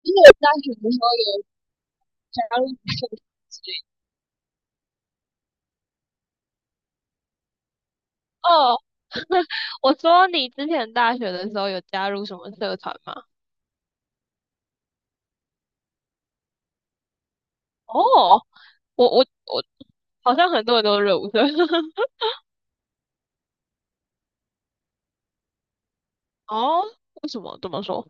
因为我大学的时候有加入社团之类的，哦，我说你之前大学的时候有加入什么社团吗？哦，我我我好像很多人都是热舞社。哦，为什么这么说？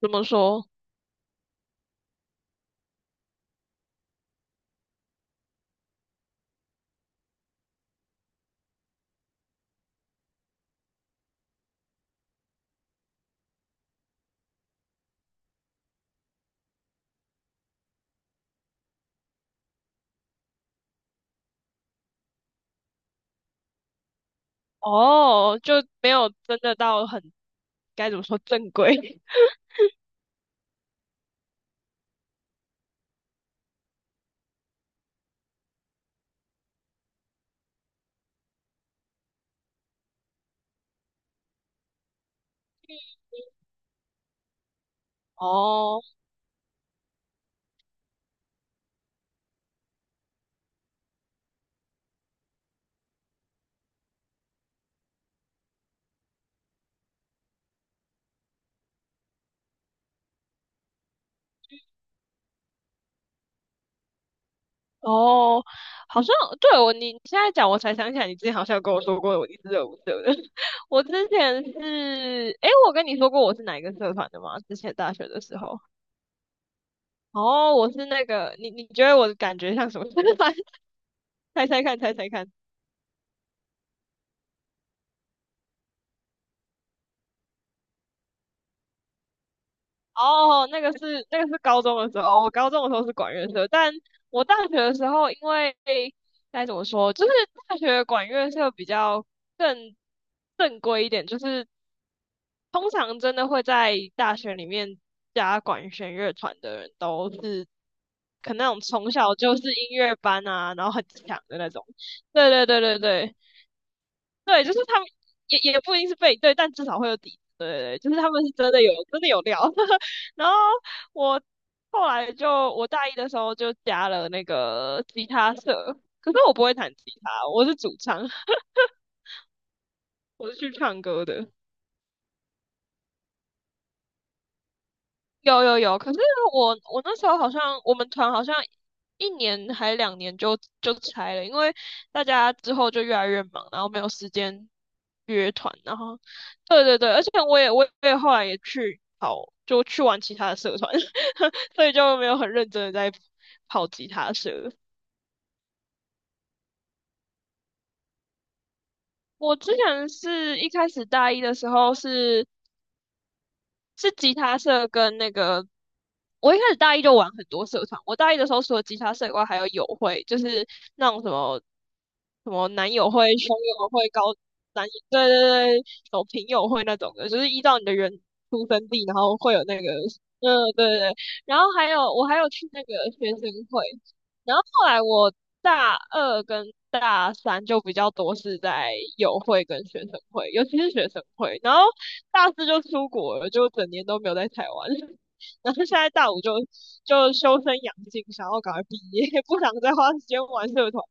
怎么说？哦，就没有真的到很该怎么说正规。哦，哦，好像对我你现在讲，我才想起来，你之前好像有跟我说过你是热舞社的。我之前是，诶，我跟你说过我是哪一个社团的吗？之前大学的时候，哦，我是那个，你觉得我的感觉像什么社团？猜猜看，猜猜看。哦，那个是高中的时候，哦我高中的时候是管乐社，但我大学的时候，因为该怎么说，就是大学管乐社比较更正规一点，就是通常真的会在大学里面加管弦乐团的人，都是可能那种从小就是音乐班啊，然后很强的那种。对对对对对对，就是他们也不一定是背对，但至少会有底子对对对，就是他们是真的有料。然后我后来就我大一的时候就加了那个吉他社，可是我不会弹吉他，我是主唱，我是去唱歌的。有有有，可是我那时候好像我们团好像1年还2年就拆了，因为大家之后就越来越忙，然后没有时间约团，然后对对对，而且我也后来也去跑，就去玩其他的社团，所以就没有很认真的在跑吉他社。我之前是一开始大一的时候是吉他社跟那个，我一开始大一就玩很多社团。我大一的时候除了吉他社以外，还有友会，就是那种什么男友会、兄友会、高男友，对对对，什么平友会那种的，就是依照你的人出生地，然后会有那个，嗯，对对对。然后还有我还有去那个学生会，然后后来我大二跟大三就比较多是在友会跟学生会，尤其是学生会。然后大四就出国了，就整年都没有在台湾。然后现在大五就修身养性，想要赶快毕业，不想再花时间玩社团。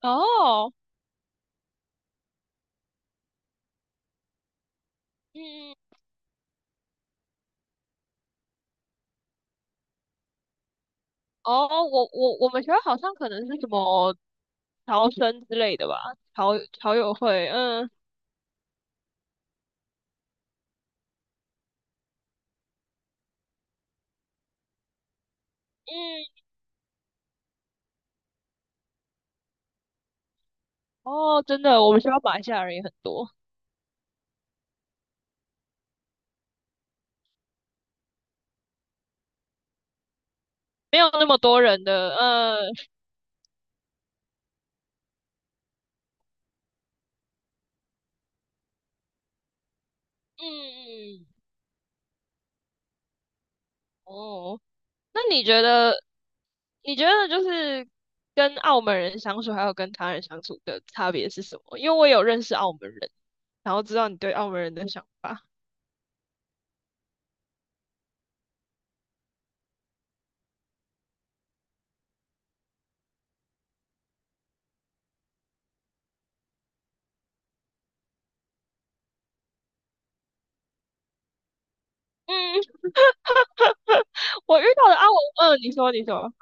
哦，嗯，哦，我们学校好像可能是什么侨生之类的吧，侨友会，嗯嗯，哦，真的，我们学校马来西亚人也很多，没有那么多人的，嗯嗯嗯，哦，那你觉得就是跟澳门人相处，还有跟他人相处的差别是什么？因为我有认识澳门人，然后知道你对澳门人的想法。嗯，我遇到的澳门，嗯，你说，你说，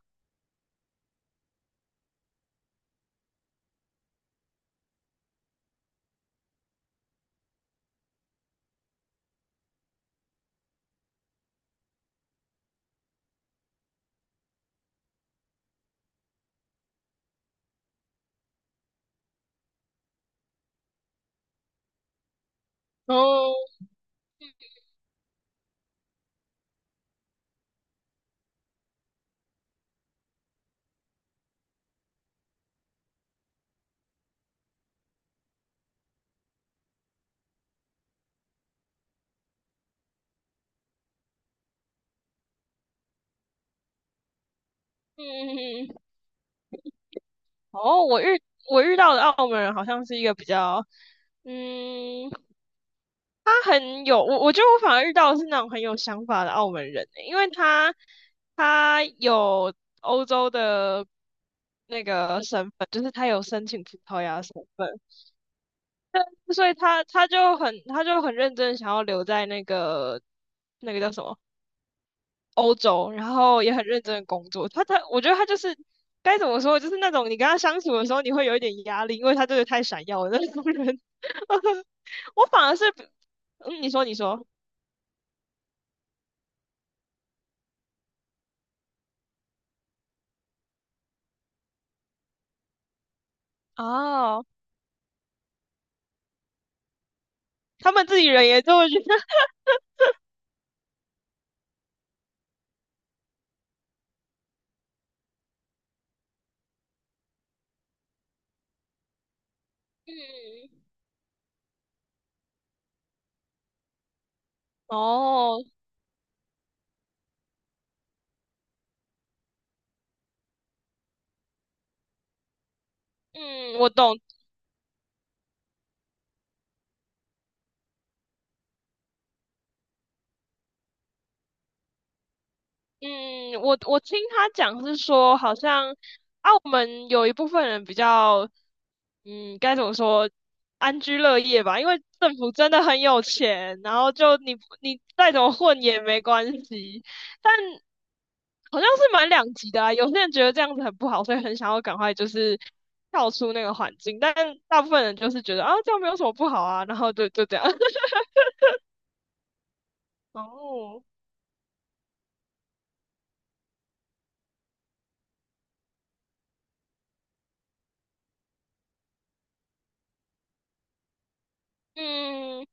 哦，嗯，嗯哦，我遇到的澳门人好像是一个比较，嗯，他很有，我觉得我反而遇到的是那种很有想法的澳门人欸，因为他有欧洲的那个身份，就是他有申请葡萄牙的身份。所以他就很认真想要留在那个叫什么欧洲，然后也很认真的工作。他我觉得他就是该怎么说，就是那种你跟他相处的时候你会有一点压力，因为他真的太闪耀了那种人。我反而是，嗯，你说你说哦，他们自己人也这么觉得。嗯，哦，嗯，我懂。嗯，我听他讲是说，好像澳门有一部分人比较，嗯，该怎么说，安居乐业吧，因为政府真的很有钱，然后就你再怎么混也没关系，但好像是蛮两极的啊，有些人觉得这样子很不好，所以很想要赶快就是跳出那个环境，但大部分人就是觉得啊，这样没有什么不好啊，然后就这样，哦，嗯，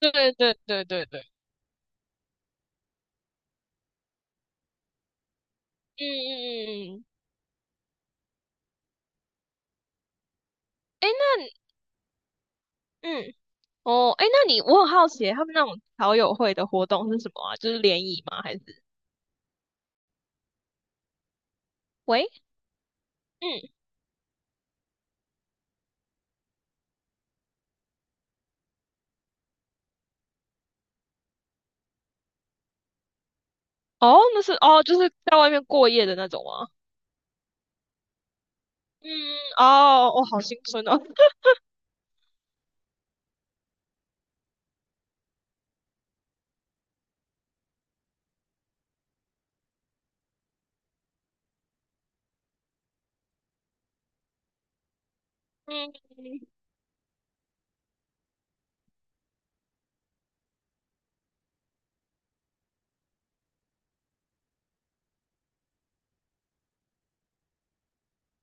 对对对对对，嗯嗯嗯嗯。那。嗯，哦，哎，那你我很好奇，他们那种好友会的活动是什么啊？就是联谊吗？还是？喂，嗯，哦，那是哦，就是在外面过夜的那种吗？嗯，哦，我、哦好心酸哦。嗯，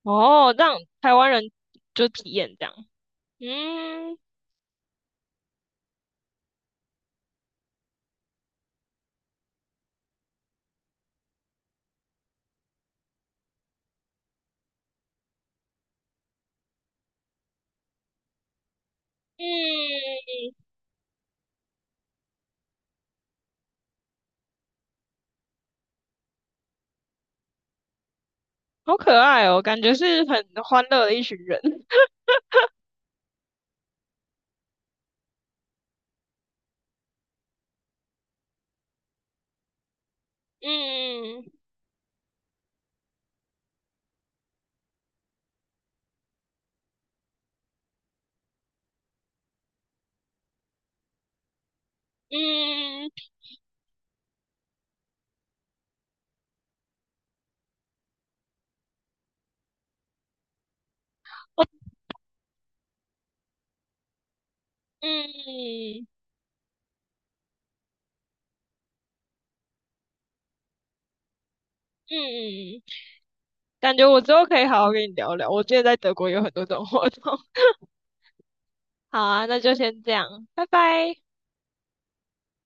哦，让台湾人就体验这样。嗯嗯，好可爱哦，感觉是很欢乐的一群人。嗯嗯嗯嗯，嗯，感觉我之后可以好好跟你聊聊。我之得在德国有很多这种活动。好啊，那就先这样，拜拜。